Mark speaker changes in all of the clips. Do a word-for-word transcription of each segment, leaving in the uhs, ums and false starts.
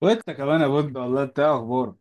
Speaker 1: وانت كمان يا بود، والله انت إيه اخبارك؟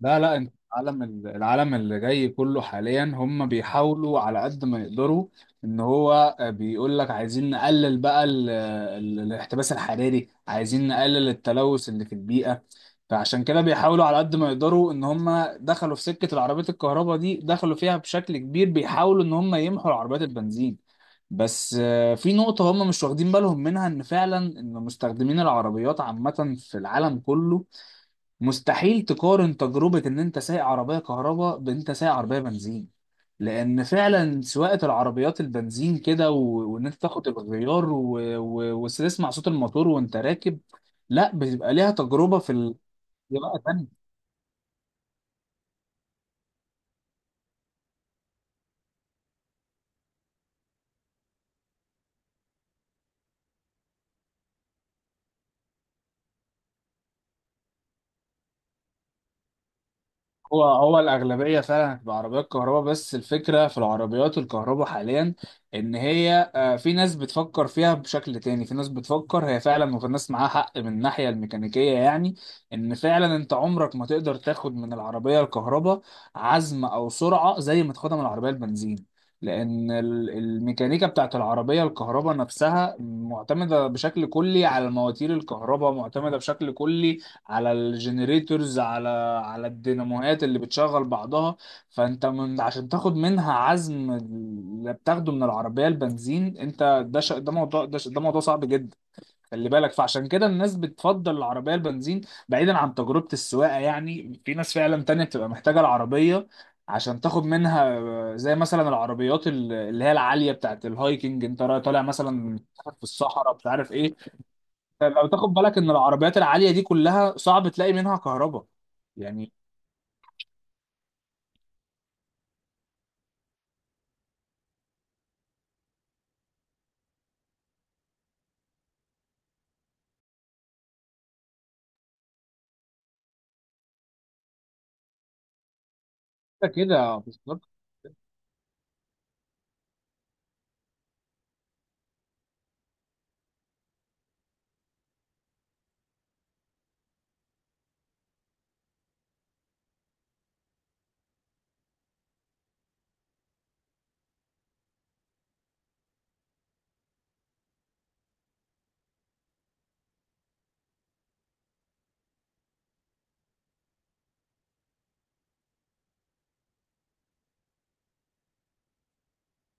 Speaker 1: لا، لا، انت العالم العالم اللي جاي كله حاليا، هم بيحاولوا على قد ما يقدروا ان هو، آه، بيقول لك عايزين نقلل بقى ال... ال... الاحتباس الحراري، عايزين نقلل التلوث اللي في البيئة. فعشان كده بيحاولوا على قد ما يقدروا ان هم دخلوا في سكة العربيات الكهرباء دي، دخلوا فيها بشكل كبير، بيحاولوا ان هم يمحوا العربيات البنزين. بس آه، في نقطة هم مش واخدين بالهم منها، ان فعلا ان مستخدمين العربيات عامة في العالم كله مستحيل تقارن تجربة إن أنت سايق عربية كهرباء بإن أنت سايق عربية بنزين. لأن فعلا سواقة العربيات البنزين كده و... وإن أنت تاخد الغيار و... و... وتسمع صوت الموتور وأنت راكب. لا، بتبقى ليها تجربة في ال... دي بقى تانية. هو هو الأغلبية فعلا هتبقى عربيات كهرباء. بس الفكرة في العربيات الكهرباء حاليا إن هي، آه، في ناس بتفكر فيها بشكل تاني، في ناس بتفكر هي فعلا، وفي ناس معاها حق من الناحية الميكانيكية يعني. إن فعلا أنت عمرك ما تقدر تاخد من العربية الكهرباء عزم أو سرعة زي ما تاخدها من العربية البنزين. لأن ال- الميكانيكا بتاعت العربية الكهرباء نفسها معتمدة بشكل كلي على مواتير الكهرباء، معتمدة بشكل كلي على الجنريتورز، على على الديناموهات اللي بتشغل بعضها. فانت من عشان تاخد منها عزم اللي بتاخده من العربية البنزين، انت ده ش... ده موضوع ده, ش... ده موضوع صعب جدا. خلي بالك، فعشان كده الناس بتفضل العربية البنزين. بعيدا عن تجربة السواقة، يعني في ناس فعلا تانية بتبقى محتاجة العربية عشان تاخد منها، آه، زي مثلا العربيات ال- اللي هي العالية بتاعت الهايكنج. انت را- طالع مثلا في الصحراء مش عارف ايه. لو تاخد بالك ان العربيات العالية دي كلها صعب تلاقي منها كهرباء يعني. كده كده بالظبط.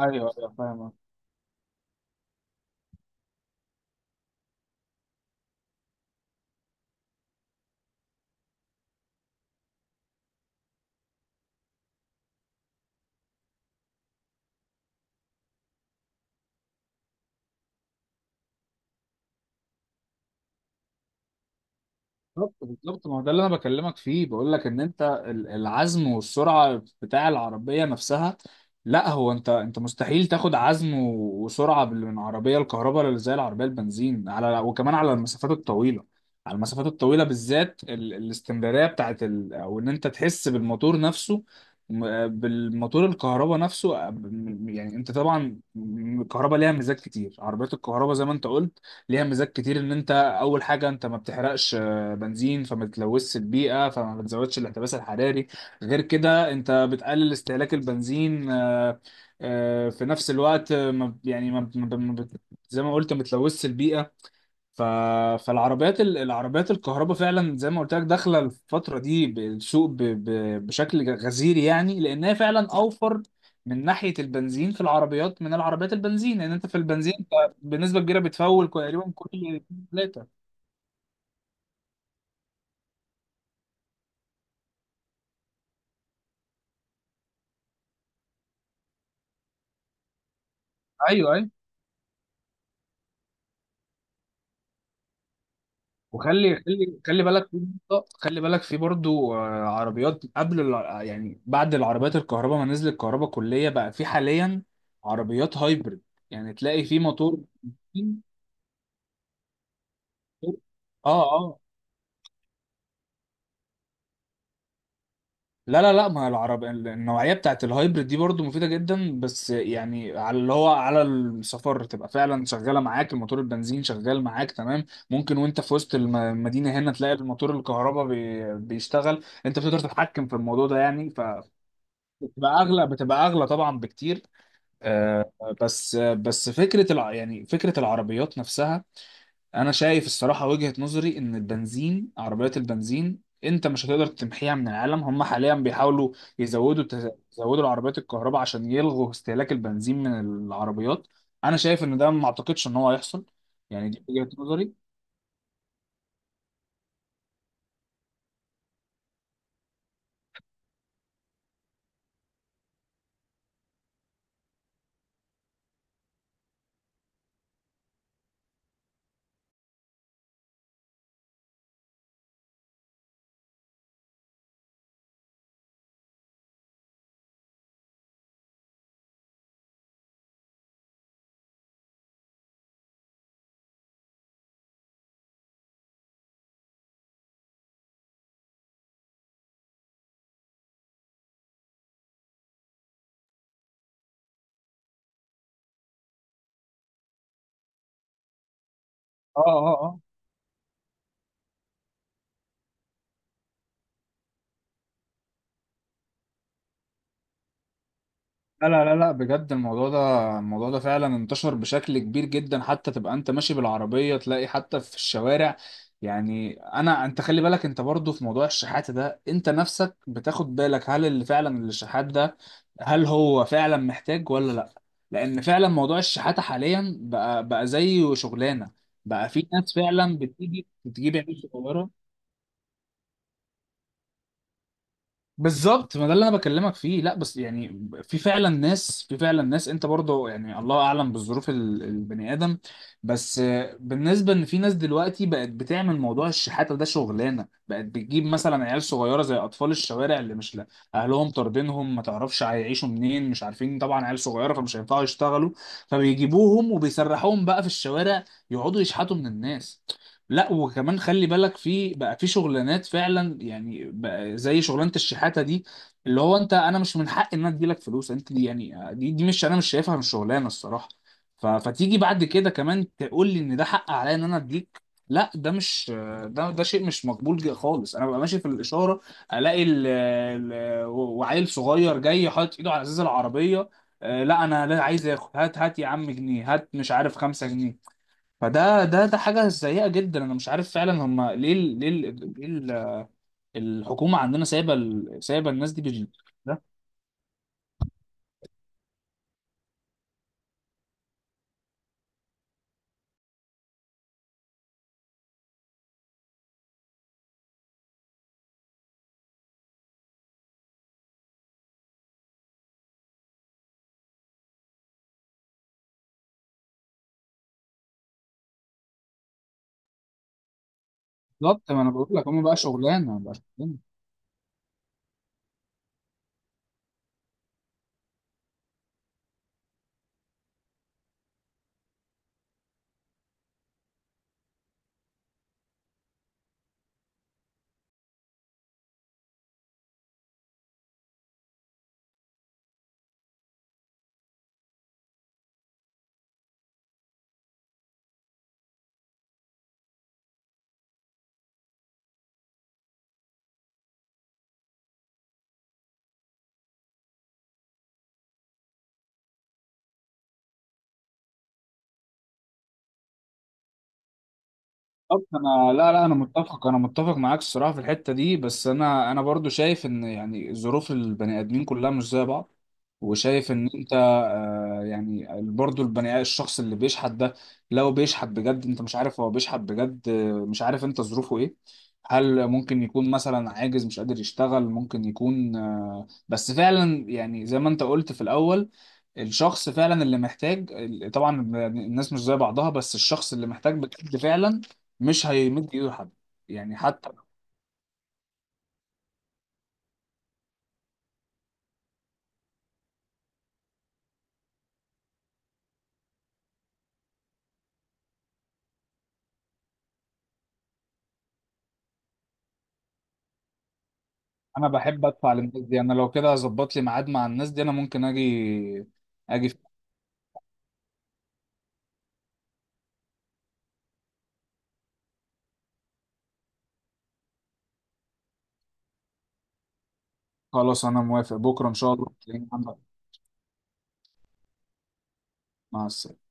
Speaker 1: ايوه، ايوه، فاهم. بالظبط، بالظبط، ما هو ده اللي انا بكلمك فيه. بقول لك ان انت ال- العزم والسرعه بتاع العربيه نفسها. لا هو انت انت مستحيل تاخد عزم و- وسرعه بال- من عربيه الكهرباء اللي زي العربيه البنزين، على، وكمان على المسافات الطويله. على المسافات الطويله بالذات، ال... الاستمراريه بتاعت ال... او ان انت تحس بالموتور نفسه، م- بالموتور الكهرباء نفسه. م- يعني انت طبعا، م- الكهرباء ليها ميزات كتير. عربيات الكهرباء زي ما انت قلت ليها ميزات كتير. ان انت اول حاجه انت ما بتحرقش بنزين، فما بتلوثش البيئة، فما بتزودش الاحتباس الحراري. غير كده انت بتقلل استهلاك البنزين، آه، آه، في نفس الوقت، آه، ما ب- يعني ما ب- ما ب- ما بت- زي ما قلت ما بتلوثش البيئة. ف... فالعربيات ال- العربيات الكهرباء فعلا زي ما قلت لك داخلة الفترة دي بالسوق، ب... ب... بشكل غزير يعني. لأنها فعلا أوفر من ناحية البنزين في العربيات من العربيات البنزين. لأن يعني أنت في البنزين أنت بنسبة كبيرة بتفول تقريبا كل ثلاثة. أيوه، أيوه. وخلي خلي خلي بالك في نقطة- خلي بالك في برضو، آه، عربيات قبل الع- يعني بعد العربيات الكهرباء ما نزلت كهرباء كلية، بقى في حاليا عربيات هايبرد. يعني تلاقي في موتور موتور- اه، اه. لا، لا، لا، ما العرب النوعية بتاعت الهايبرد دي برضو مفيدة جدا. بس يعني على اللي هو على السفر، تبقى فعلا شغالة معاك الموتور البنزين، شغال معاك تمام. ممكن وانت في وسط الم- المدينة هنا تلاقي الموتور الكهرباء بي- بيشتغل. انت بتقدر تتحكم في الموضوع ده يعني. بتبقى اغلى بتبقى اغلى طبعا بكتير، آه، بس بس فكره الع... يعني فكره العربيات نفسها. انا شايف الصراحه وجهه نظري ان البنزين، عربيات البنزين انت مش هتقدر تمحيها من العالم. هم حاليا بيحاولوا يزودوا، يزودوا العربيات الكهرباء عشان يلغوا استهلاك البنزين من العربيات. انا شايف ان ده، ما اعتقدش ان هو هيحصل. يعني دي وجهه نظري. اه، اه، اه، لا، لا، لا، لا، بجد الموضوع ده الموضوع ده فعلا انتشر بشكل كبير جدا، حتى تبقى انت ماشي بالعربية تلاقي حتى في الشوارع. يعني انا، انت خلي بالك انت برضو في موضوع الشحات ده، انت نفسك بتاخد بالك هل اللي فعلا اللي الشحات ده، هل هو فعلا محتاج ولا لا؟ لان فعلا موضوع الشحاتة حاليا بقى بقى زي شغلانة. بقى في ناس فعلا بتيجي بتجيب عيال صغيرة. بالظبط، ما ده اللي انا بكلمك فيه. لا بس يعني في فعلا ناس، في فعلا ناس انت برضه، يعني الله اعلم بالظروف، ال- البني ادم. بس، آه، بالنسبه ان في ناس دلوقتي بقت بتعمل موضوع الشحاته ده شغلانه، بقت بتجيب مثلا عيال صغيره زي اطفال الشوارع اللي مش، لا، اهلهم طاردينهم، ما تعرفش هيعيشوا منين، مش عارفين طبعا، عيال صغيره فمش هينفعوا يشتغلوا، فبيجيبوهم وبيسرحوهم بقى في الشوارع يقعدوا يشحتوا من الناس. لا وكمان خلي بالك، في بقى في شغلانات فعلا يعني، بقى زي شغلانه الشحاته دي. اللي هو انت، انا مش من حق ان انا اديلك فلوس انت دي، يعني دي دي مش، انا مش شايفها، مش شغلانه الصراحه. ف- فتيجي بعد كده كمان تقول لي ان ده حق عليا ان انا اديك. لا، ده مش، ده ده شيء مش مقبول جدا خالص. انا ببقى ماشي في الاشاره، الاقي ال ال وعيل صغير جاي حاطط ايده على ازاز العربيه، آه، لا، انا لا، عايز اخد، هات هات يا عم جنيه، هات مش عارف خمسة جنيه. فده ده ده حاجة سيئة جدا. انا مش عارف فعلا هم ليه ال- ليه ال- ليه ال- الحكومة عندنا سايبة ال- سايبة الناس دي بال- ده بالظبط ما انا بقول لك هم بقى شغلانة بقى. بالظبط، انا، لا، لا، انا متفق انا متفق معاك الصراحه في الحته دي. بس انا انا برضو شايف ان، يعني ظروف البني ادمين كلها مش زي بعض. وشايف ان انت، آه يعني برضو البني الشخص اللي بيشحت ده، لو بيشحت بجد انت مش عارف هو بيشحت بجد. آه، مش عارف انت ظروفه ايه. هل ممكن يكون مثلا عاجز مش قادر يشتغل؟ ممكن يكون، آه بس فعلا يعني زي ما انت قلت في الاول الشخص فعلا اللي محتاج. طبعا الناس مش زي بعضها. بس الشخص اللي محتاج بجد فعلا مش هيمد ايده لحد. يعني حتى لو، انا بحب ادفع للناس دي. انا لو كده هظبط لي ميعاد مع الناس دي، انا ممكن اجي اجي في- خلاص انا موافق، بكره ان شاء الله تلاقيني عندك. مع السلامه.